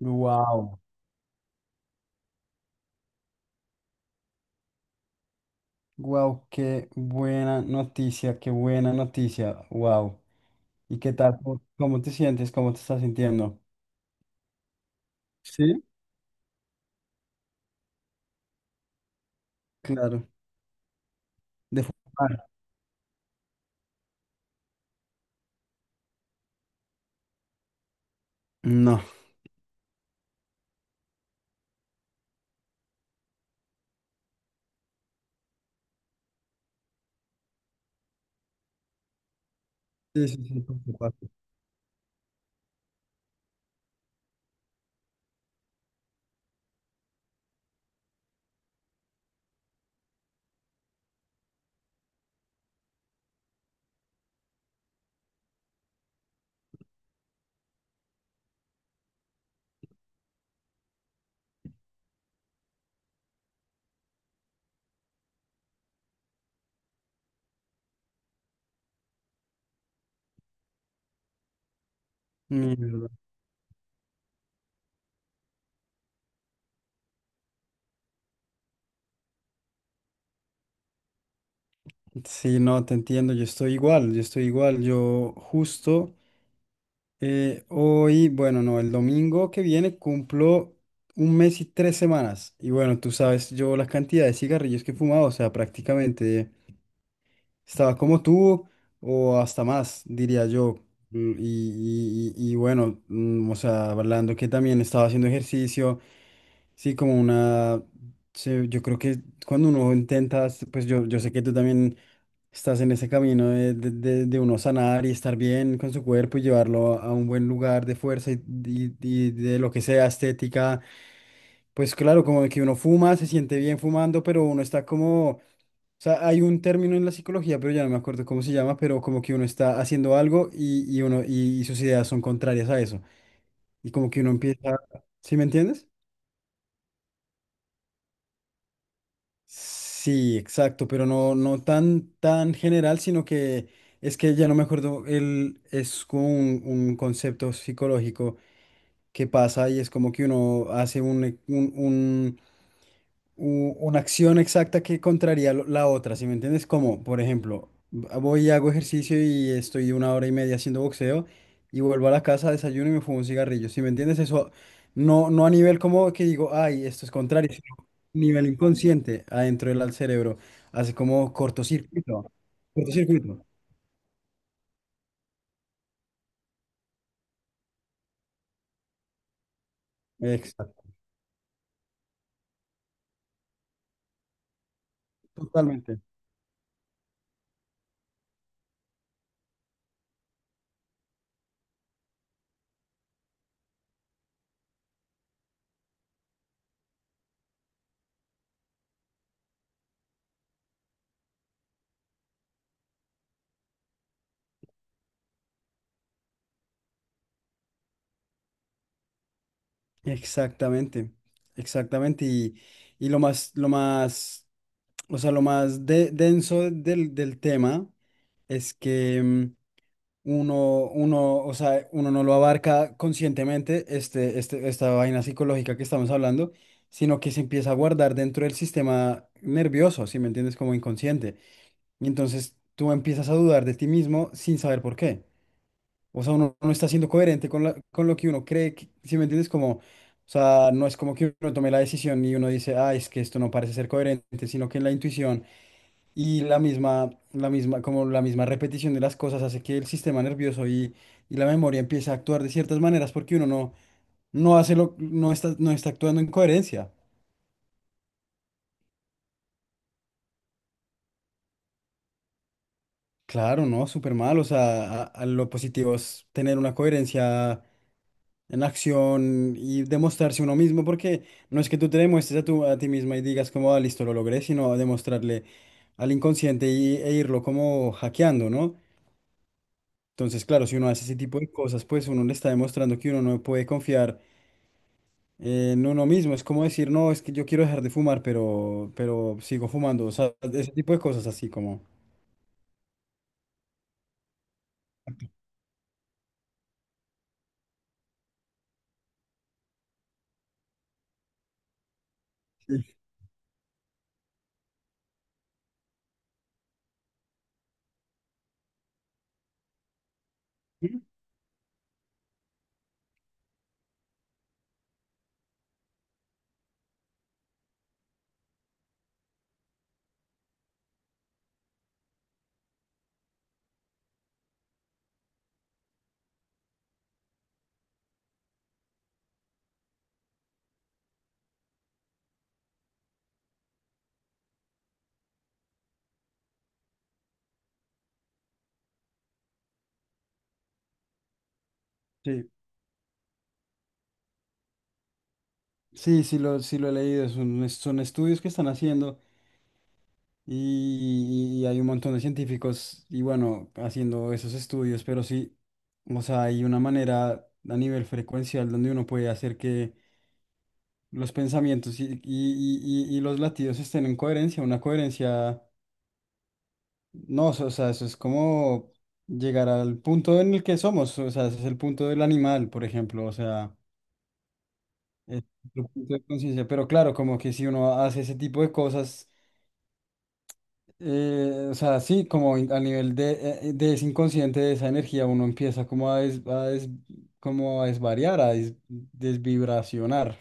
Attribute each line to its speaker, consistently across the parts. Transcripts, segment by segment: Speaker 1: Wow, wow, qué buena noticia, wow. ¿Y qué tal? ¿Cómo te sientes? ¿Cómo te estás sintiendo? Sí, claro. De fumar. No. Sí, sí, sí, por supuesto. Mi verdad. Sí, no, te entiendo, yo estoy igual, yo estoy igual. Yo justo hoy, bueno, no, el domingo que viene cumplo un mes y tres semanas. Y bueno, tú sabes, yo la cantidad de cigarrillos que he fumado, o sea, prácticamente. Estaba como tú o hasta más, diría yo. Y bueno, o sea, hablando que también estaba haciendo ejercicio, sí, como una, yo creo que cuando uno intenta, pues yo sé que tú también estás en ese camino de, de uno sanar y estar bien con su cuerpo y llevarlo a un buen lugar de fuerza y de lo que sea estética. Pues claro, como que uno fuma, se siente bien fumando, pero uno está como, o sea, hay un término en la psicología, pero ya no me acuerdo cómo se llama, pero como que uno está haciendo algo y uno y, sus ideas son contrarias a eso. Y como que uno empieza, ¿sí me entiendes? Sí, exacto, pero no, no tan, tan general, sino que es que ya no me acuerdo, el, es como un concepto psicológico que pasa y es como que uno hace un, una acción exacta que contraría la otra, ¿sí me entiendes? Como, por ejemplo, voy y hago ejercicio y estoy una hora y media haciendo boxeo y vuelvo a la casa, desayuno y me fumo un cigarrillo, ¿sí me entiendes? Eso no, no a nivel como que digo, ay, esto es contrario, sino a nivel inconsciente adentro del al cerebro, hace como cortocircuito, cortocircuito. Exacto, totalmente. Exactamente, exactamente. Y lo más, o sea, lo más denso del del tema. Es que uno, uno, o sea, uno no lo abarca conscientemente, este, esta vaina psicológica que estamos hablando, sino que se empieza a guardar dentro del sistema nervioso, si me entiendes, como inconsciente. Y entonces tú empiezas a dudar de ti mismo sin saber por qué. O sea, uno no está siendo coherente con, con lo que uno cree, si me entiendes, como, o sea, no es como que uno tome la decisión y uno dice, ah, es que esto no parece ser coherente, sino que en la intuición. Y la misma, como la misma repetición de las cosas hace que el sistema nervioso y la memoria empiece a actuar de ciertas maneras porque uno no, no hace lo, no está, no está actuando en coherencia. Claro, no, súper mal. O sea, a lo positivo es tener una coherencia en acción y demostrarse uno mismo, porque no es que tú te demuestres a, tu, a ti misma y digas como, "Ah, listo, lo logré", sino demostrarle al inconsciente y, e irlo como hackeando, ¿no? Entonces, claro, si uno hace ese tipo de cosas, pues uno le está demostrando que uno no puede confiar en uno mismo. Es como decir, no, es que yo quiero dejar de fumar, pero sigo fumando. O sea, ese tipo de cosas así como... Sí, sí, sí, sí lo he leído. Son, son estudios que están haciendo y hay un montón de científicos y bueno, haciendo esos estudios, pero sí, o sea, hay una manera a nivel frecuencial donde uno puede hacer que los pensamientos y, y los latidos estén en coherencia, una coherencia, no, o sea, eso es como llegar al punto en el que somos, o sea, ese es el punto del animal, por ejemplo, o sea, es otro punto de conciencia, pero claro, como que si uno hace ese tipo de cosas, o sea, sí, como a nivel de ese inconsciente, de esa energía, uno empieza como a, a como a desvariar, a desvibracionar.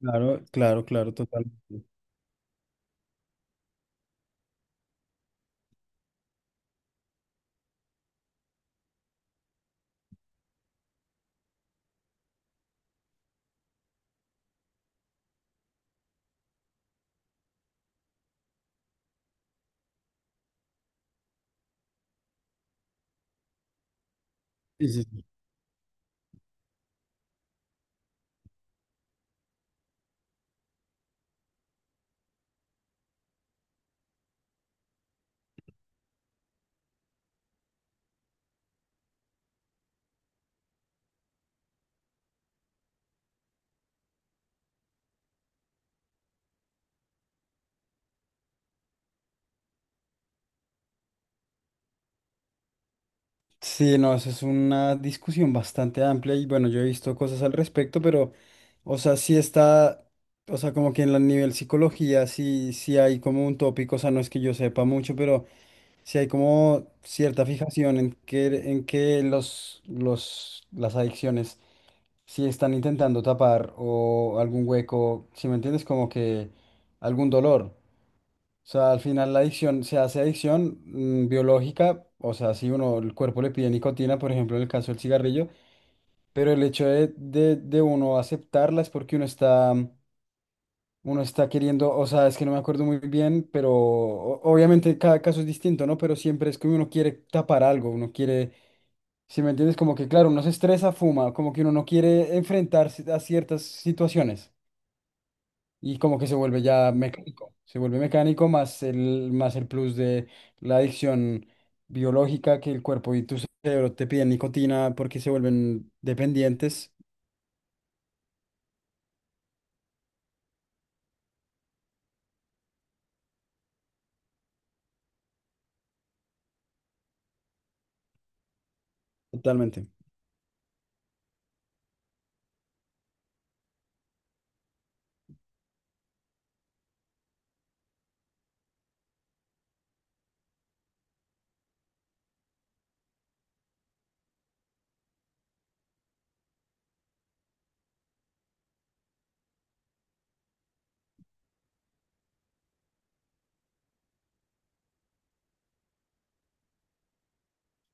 Speaker 1: Claro, claro, claro, totalmente. Sí, no, eso es una discusión bastante amplia y bueno, yo he visto cosas al respecto, pero, o sea, sí está, o sea, como que en el nivel psicología sí, sí hay como un tópico, o sea, no es que yo sepa mucho, pero sí hay como cierta fijación en que los, las adicciones sí están intentando tapar o algún hueco, si me entiendes, como que algún dolor. O sea, al final la adicción se hace adicción biológica, o sea, si uno, el cuerpo le pide nicotina, por ejemplo, en el caso del cigarrillo, pero el hecho de uno aceptarla es porque uno está queriendo, o sea, es que no me acuerdo muy bien, pero obviamente cada caso es distinto, ¿no? Pero siempre es que uno quiere tapar algo, uno quiere, si me entiendes, como que claro, uno se estresa, fuma, como que uno no quiere enfrentarse a ciertas situaciones. Y como que se vuelve ya mecánico, se vuelve mecánico más el plus de la adicción biológica que el cuerpo y tu cerebro te piden nicotina porque se vuelven dependientes totalmente.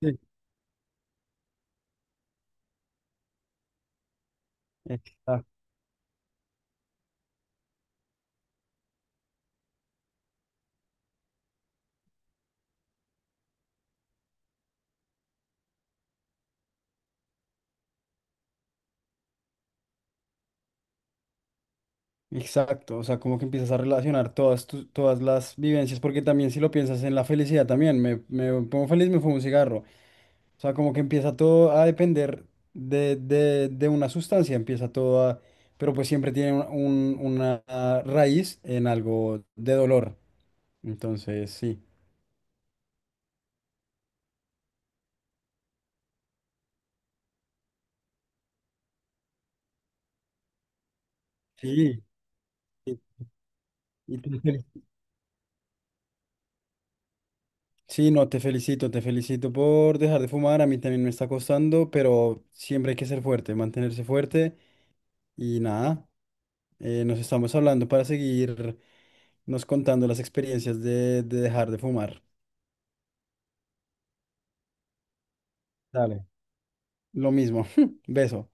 Speaker 1: Sí. Exacto. Exacto, o sea, como que empiezas a relacionar todas, todas las vivencias, porque también si lo piensas en la felicidad también, me pongo feliz, me fumo un cigarro. O sea, como que empieza todo a depender de, de una sustancia, empieza todo a... Pero pues siempre tiene una raíz en algo de dolor. Entonces, sí. Sí. Sí, y sí, no, te felicito por dejar de fumar. A mí también me está costando, pero siempre hay que ser fuerte, mantenerse fuerte. Y nada, nos estamos hablando para seguir nos contando las experiencias de dejar de fumar. Dale. Lo mismo. Beso.